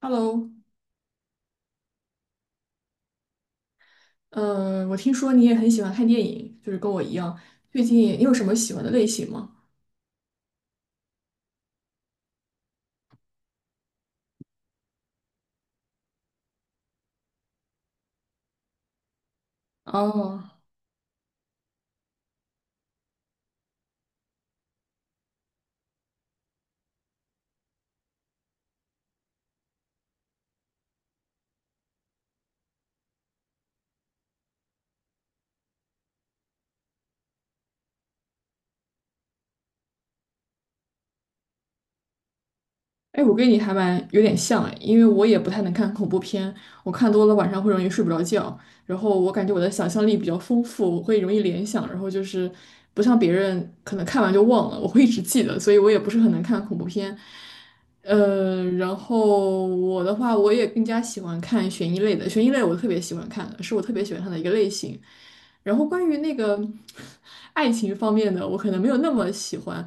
Hello，我听说你也很喜欢看电影，就是跟我一样。最近你有什么喜欢的类型吗？哦，哎，我跟你还蛮有点像哎，因为我也不太能看恐怖片，我看多了晚上会容易睡不着觉。然后我感觉我的想象力比较丰富，我会容易联想，然后就是不像别人可能看完就忘了，我会一直记得，所以我也不是很能看恐怖片。然后我的话，我也更加喜欢看悬疑类的，悬疑类我特别喜欢看的，是我特别喜欢看的一个类型。然后关于那个 爱情方面的，我可能没有那么喜欢，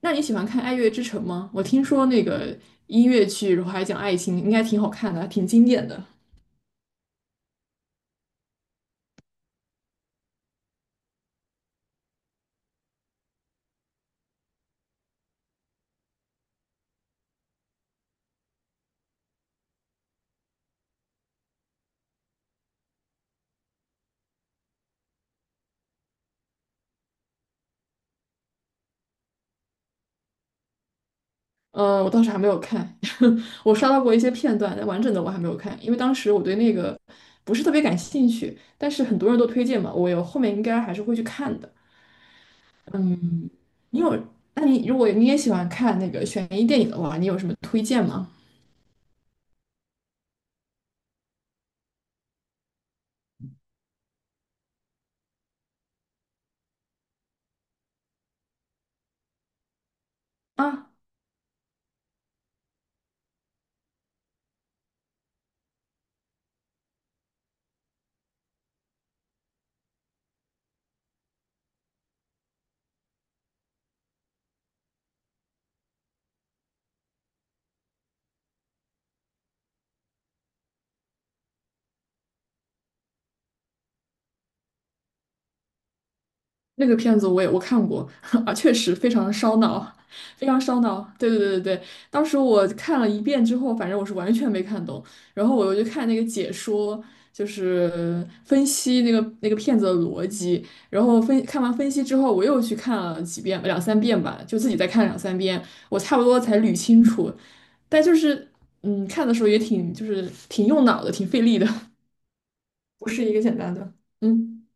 那你喜欢看《爱乐之城》吗？我听说那个音乐剧，然后还讲爱情，应该挺好看的，还挺经典的。呃，我倒是还没有看，我刷到过一些片段，但完整的我还没有看，因为当时我对那个不是特别感兴趣。但是很多人都推荐嘛，我有后面应该还是会去看的。你有？那你如果你也喜欢看那个悬疑电影的话，你有什么推荐吗？啊，那个片子我看过 啊，确实非常烧脑，非常烧脑。对对对对对，当时我看了一遍之后，反正我是完全没看懂。然后我就看那个解说，就是分析那个片子的逻辑。然后分看完分析之后，我又去看了几遍，两三遍吧，就自己再看两三遍，我差不多才捋清楚。但就是嗯，看的时候也挺就是挺用脑的，挺费力的，不是一个简单的。嗯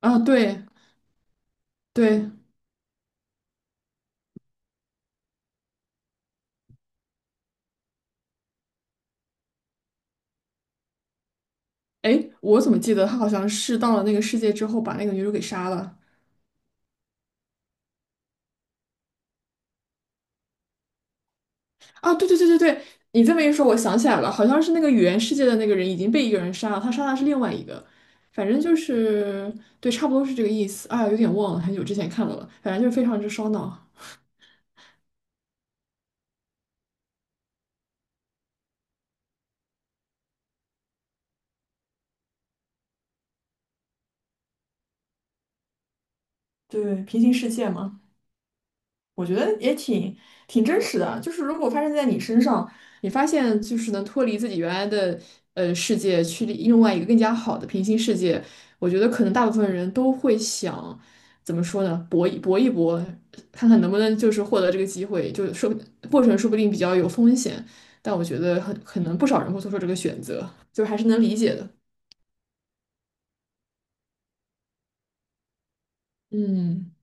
啊，对对。诶，我怎么记得他好像是到了那个世界之后，把那个女主给杀了。啊？对对对对对，你这么一说，我想起来了，好像是那个语言世界的那个人已经被一个人杀了，他杀的是另外一个，反正就是对，差不多是这个意思。啊，有点忘了，很久之前看的了，反正就是非常之烧脑。对，平行世界嘛。我觉得也挺真实的，就是如果发生在你身上，你发现就是能脱离自己原来的世界，去另外一个更加好的平行世界，我觉得可能大部分人都会想，怎么说呢，搏一搏，看看能不能就是获得这个机会，就是说过程说不定比较有风险，但我觉得很可能不少人会做出这个选择，就还是能理解的。嗯，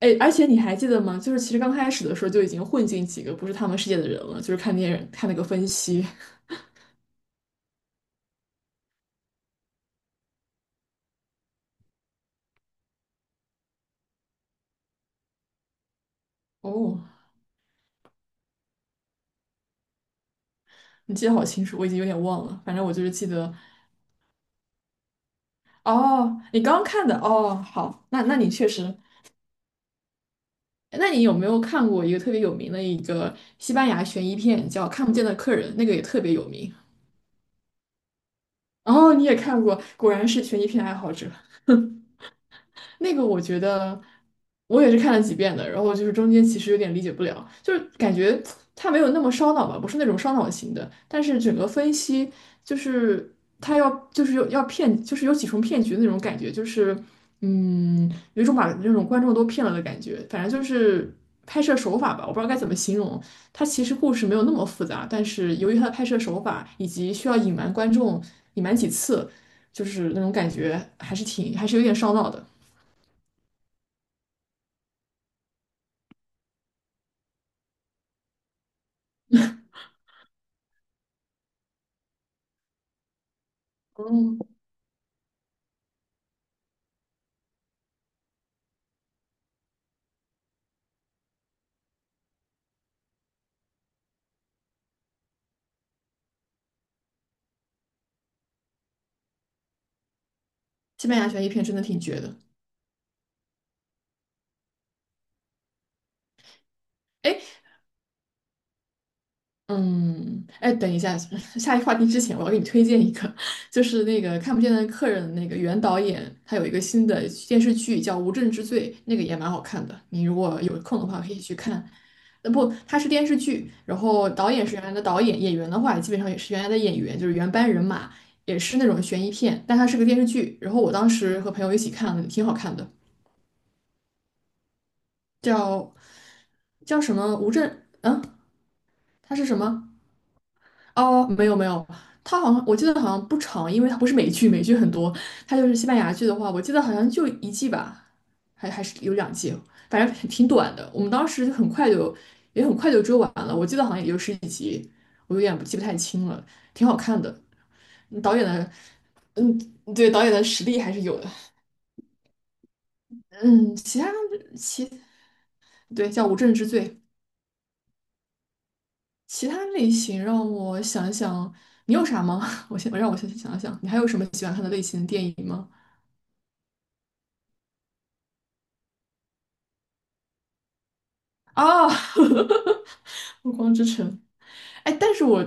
哎，而且你还记得吗？就是其实刚开始的时候就已经混进几个不是他们世界的人了，就是看电影看那个分析。哦，你记得好清楚，我已经有点忘了。反正我就是记得，哦，你刚刚看的，哦，好，那你确实，那你有没有看过一个特别有名的一个西班牙悬疑片，叫《看不见的客人》，那个也特别有名。哦，你也看过，果然是悬疑片爱好者。那个我觉得我也是看了几遍的，然后就是中间其实有点理解不了，就是感觉它没有那么烧脑吧，不是那种烧脑型的，但是整个分析就是它要就是有要骗，就是有几重骗局的那种感觉，就是嗯，有一种把那种观众都骗了的感觉，反正就是拍摄手法吧，我不知道该怎么形容。它其实故事没有那么复杂，但是由于它的拍摄手法以及需要隐瞒观众隐瞒几次，就是那种感觉还是有点烧脑的。嗯，西班牙悬疑片真的挺绝的。哎，嗯，哎，等一下，下一话题之前，我要给你推荐一个，就是那个《看不见的客人》那个原导演，他有一个新的电视剧叫《无证之罪》，那个也蛮好看的。你如果有空的话，可以去看。呃，不，它是电视剧，然后导演是原来的导演，演员的话基本上也是原来的演员，就是原班人马，也是那种悬疑片，但它是个电视剧。然后我当时和朋友一起看了，挺好看的，叫叫什么《无证》，它是什么？哦，没有没有，它好像我记得好像不长，因为它不是美剧，美剧很多，它就是西班牙剧的话，我记得好像就一季吧，还是有两季，反正挺短的。我们当时就很快就也很快就追完了，我记得好像也就十几集，我有点记不太清了，挺好看的。嗯导演的，嗯，对，导演的实力还是有的。嗯，其他其对叫《无证之罪》，其他类型让我想想，你有啥吗？我先我让我先想想，你还有什么喜欢看的类型的电影吗？啊，暮光之城，哎，但是我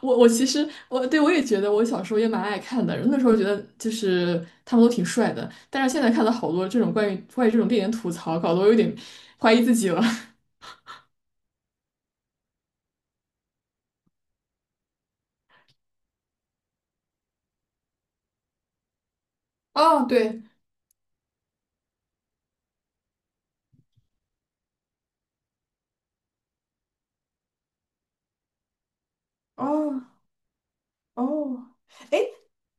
我我其实我也觉得我小时候也蛮爱看的，那时候觉得就是他们都挺帅的，但是现在看到好多这种关于这种电影吐槽，搞得我有点怀疑自己了。哦，对，哦哦，哎，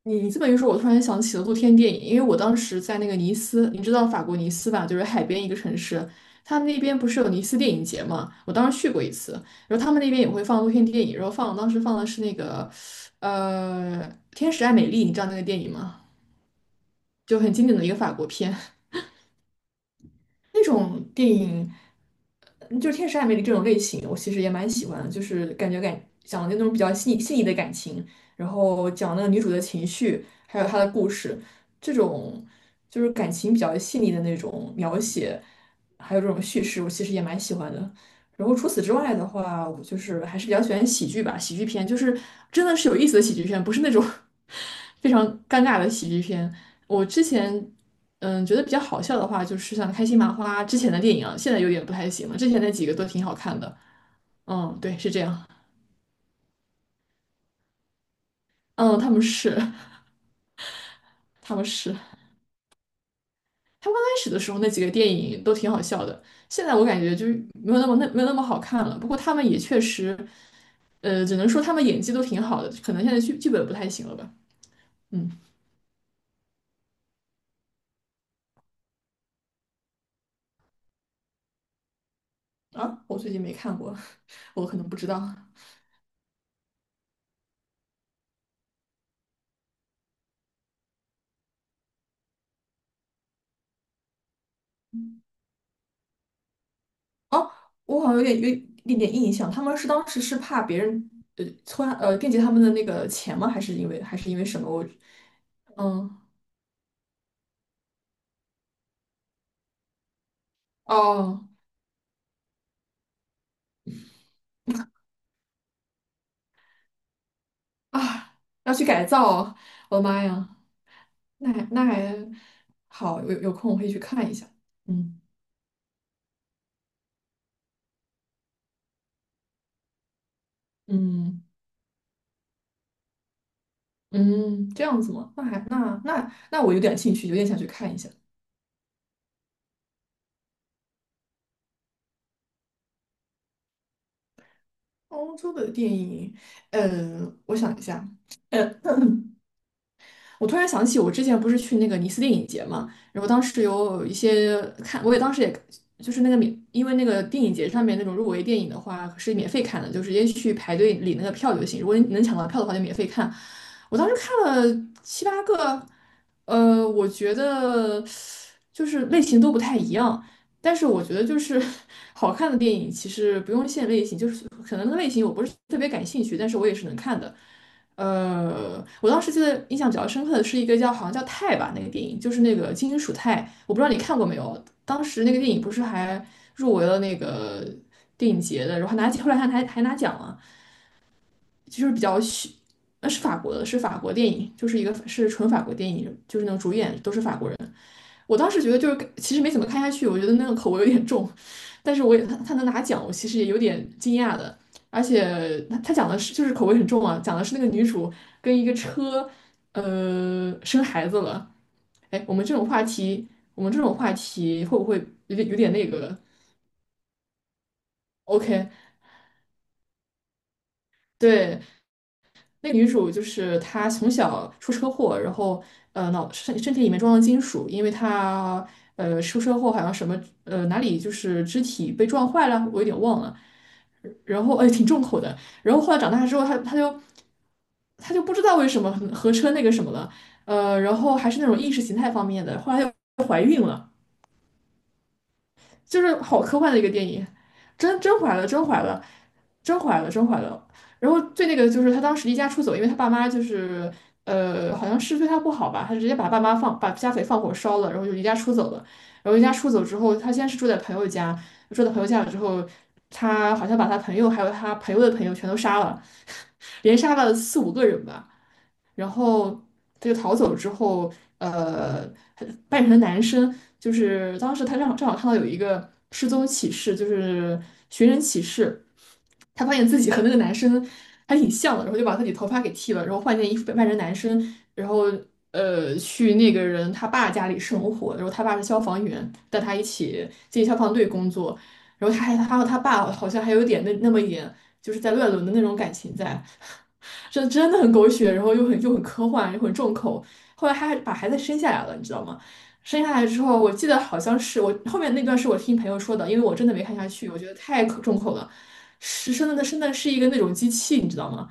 你你这么一说，我突然想起了露天电影，因为我当时在那个尼斯，你知道法国尼斯吧，就是海边一个城市，他们那边不是有尼斯电影节嘛，我当时去过一次，然后他们那边也会放露天电影，然后放当时放的是那个，呃，《天使爱美丽》，你知道那个电影吗？就很经典的一个法国片。那种电影，就是《天使爱美丽》这种类型，我其实也蛮喜欢的，就是感觉感讲的那种比较细腻的感情，然后讲那个女主的情绪，还有她的故事，这种就是感情比较细腻的那种描写，还有这种叙事，我其实也蛮喜欢的。然后除此之外的话，我就是还是比较喜欢喜剧吧，喜剧片就是真的是有意思的喜剧片，不是那种 非常尴尬的喜剧片。我之前嗯觉得比较好笑的话，就是像开心麻花之前的电影啊，现在有点不太行了。之前那几个都挺好看的。嗯，对，是这样。嗯，他们是 他们是他们刚开始的时候那几个电影都挺好笑的，现在我感觉就是没有那么那没有那么好看了。不过他们也确实，呃，只能说他们演技都挺好的，可能现在剧本不太行了吧。嗯啊，我最近没看过，我可能不知道。哦，我好像有一点点印象，他们是当时是怕别人呃穿呃惦记他们的那个钱吗？还是因为什么？我嗯哦啊，要去改造哦，我的妈呀，那还好，有空我会去看一下。嗯嗯嗯，这样子吗？那还那那那我有点兴趣，有点想去看一下欧洲的电影。呃，我想一下。嗯。我突然想起，我之前不是去那个尼斯电影节嘛，然后当时有一些看，我当时就是那个免，因为那个电影节上面那种入围电影的话是免费看的，就直接去排队领那个票就行。如果你能抢到票的话，就免费看。我当时看了七八个，我觉得就是类型都不太一样，但是我觉得就是 好看的电影其实不用限类型，就是可能那个类型我不是特别感兴趣，但是我也是能看的。我当时记得印象比较深刻的是一个叫好像叫泰吧那个电影，就是那个金属泰，我不知道你看过没有。当时那个电影不是还入围了那个电影节的，然后拿后来还拿奖了，就是比较虚，呃是法国的，是法国电影，就是一个是纯法国电影，就是那种主演都是法国人。我当时觉得就是其实没怎么看下去，我觉得那个口味有点重，但是我也他能拿奖，我其实也有点惊讶的。而且他讲的是就是口味很重啊，讲的是那个女主跟一个车，呃，生孩子了。哎，我们这种话题会不会有点那个？OK,对，那女主就是她从小出车祸，然后呃身体里面装了金属，因为她呃出车祸好像什么呃哪里就是肢体被撞坏了，我有点忘了。然后哎挺重口的，然后后来长大之后，她就不知道为什么合车那个什么了，呃，然后还是那种意识形态方面的，后来又就是好科幻的一个电影，真真怀了，真怀了，真怀了。然后最那个的就是他当时离家出走，因为他爸妈就是呃，好像是对他不好吧，他直接把爸妈放把家给放火烧了，然后就离家出走了。然后离家出走之后，他先是住在朋友家，住在朋友家了之后，他好像把他朋友还有他朋友的朋友全都杀了，连杀了四五个人吧。然后他就逃走之后，呃，扮成男生，就是当时他正好看到有一个失踪启事，就是寻人启事，他发现自己和那个男生还挺像的，然后就把自己头发给剃了，然后换件衣服扮成男生，然后呃去那个人他爸家里生活，然后他爸是消防员，带他一起进消防队工作，然后他和他爸好像还有点那么一点就是在乱伦的那种感情在。真的很狗血，然后又很科幻，又很重口。后来他还把孩子生下来了，你知道吗？生下来之后，我记得好像是我后面那段是我听朋友说的，因为我真的没看下去，我觉得太可重口了。是生的，生的是一个那种机器，你知道吗？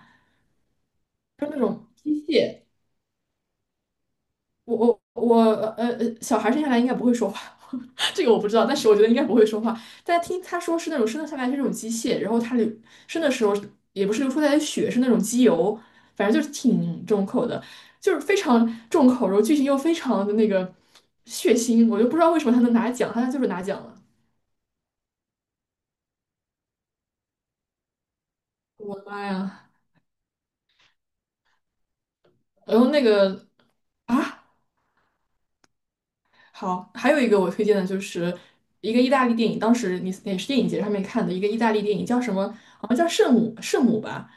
我我我呃呃，小孩生下来应该不会说话，这个我不知道，但是我觉得应该不会说话。但听他说是那种生的下来是那种机械，然后生的时候也不是流出来的血，是那种机油，反正就是挺重口的，就是非常重口，然后剧情又非常的那个血腥，我就不知道为什么他能拿奖，他就是拿奖了，我的妈呀！然后那个啊，好，还有一个我推荐的就是一个意大利电影，当时你也是电影节上面看的一个意大利电影，叫什么？好像叫《圣母》，圣母吧，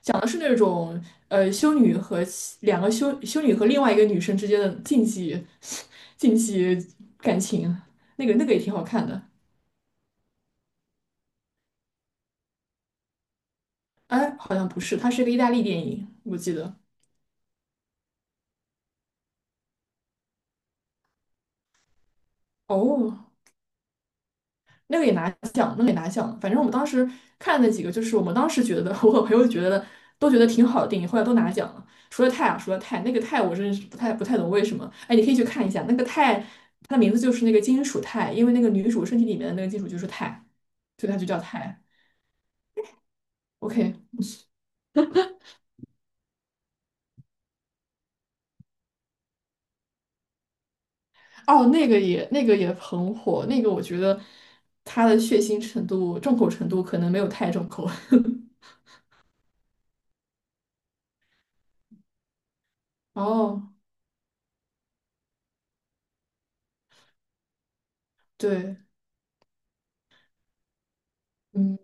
讲的是那种呃修女和其两个修女和另外一个女生之间的禁忌 禁忌感情，那个那个也挺好看的。哎，好像不是，它是一个意大利电影，我记得。哦，那个也拿奖，那个也拿奖。反正我们当时看的那几个，就是我们当时觉得，我和朋友觉得都觉得挺好的电影，后来都拿奖了。除了泰啊，除了泰，那个泰我真是不太懂为什么。哎，你可以去看一下，那个泰，它的名字就是那个金属钛，因为那个女主身体里面的那个金属就是钛，所以它就叫钛。OK,哦，那个也那个也很火，那个我觉得它的血腥程度、重口程度可能没有泰重口。哦，对，嗯，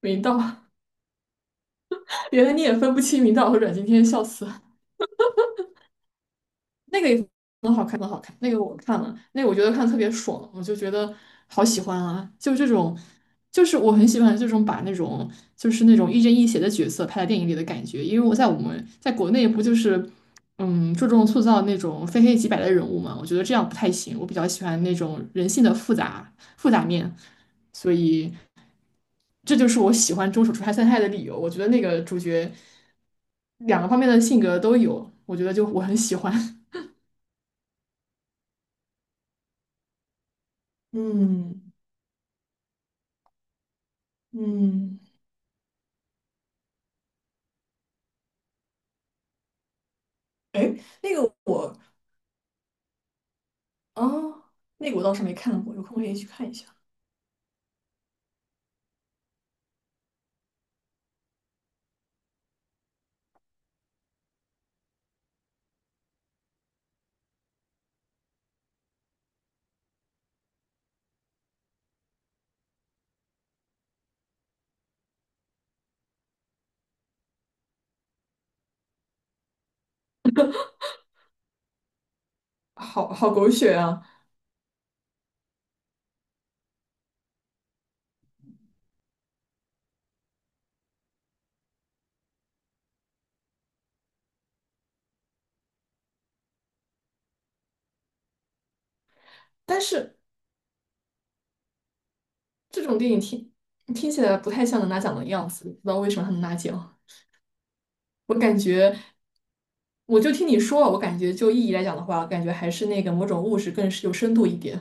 明道，原来你也分不清明道和阮经天，笑死。那个也很好看，很好看。那个我看了，那个我觉得看得特别爽，我就觉得好喜欢啊！就这种，就是我很喜欢这种把那种就是那种亦正亦邪的角色拍在电影里的感觉。因为我们在国内不就是嗯注重塑造那种非黑即白的人物嘛，我觉得这样不太行。我比较喜欢那种人性的复杂面，所以这就是我喜欢《中手出差三太》的理由。我觉得那个主角两个方面的性格都有，我觉得就我很喜欢。嗯。嗯，哎，那个我，啊，那个我倒是没看过，有空可以去看一下。好好狗血啊！但是这种电影听起来不太像能拿奖的样子，不知道为什么他能拿奖。我感觉，我就听你说，我感觉就意义来讲的话，感觉还是那个某种物质更是有深度一点。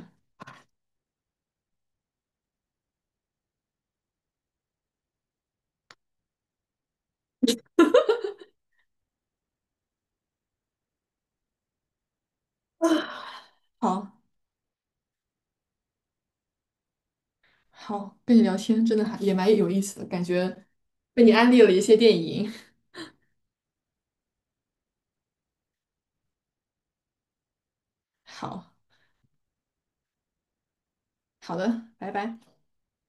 好，好，跟你聊天真的还也蛮有意思的，感觉被你安利了一些电影。好，好的，拜拜。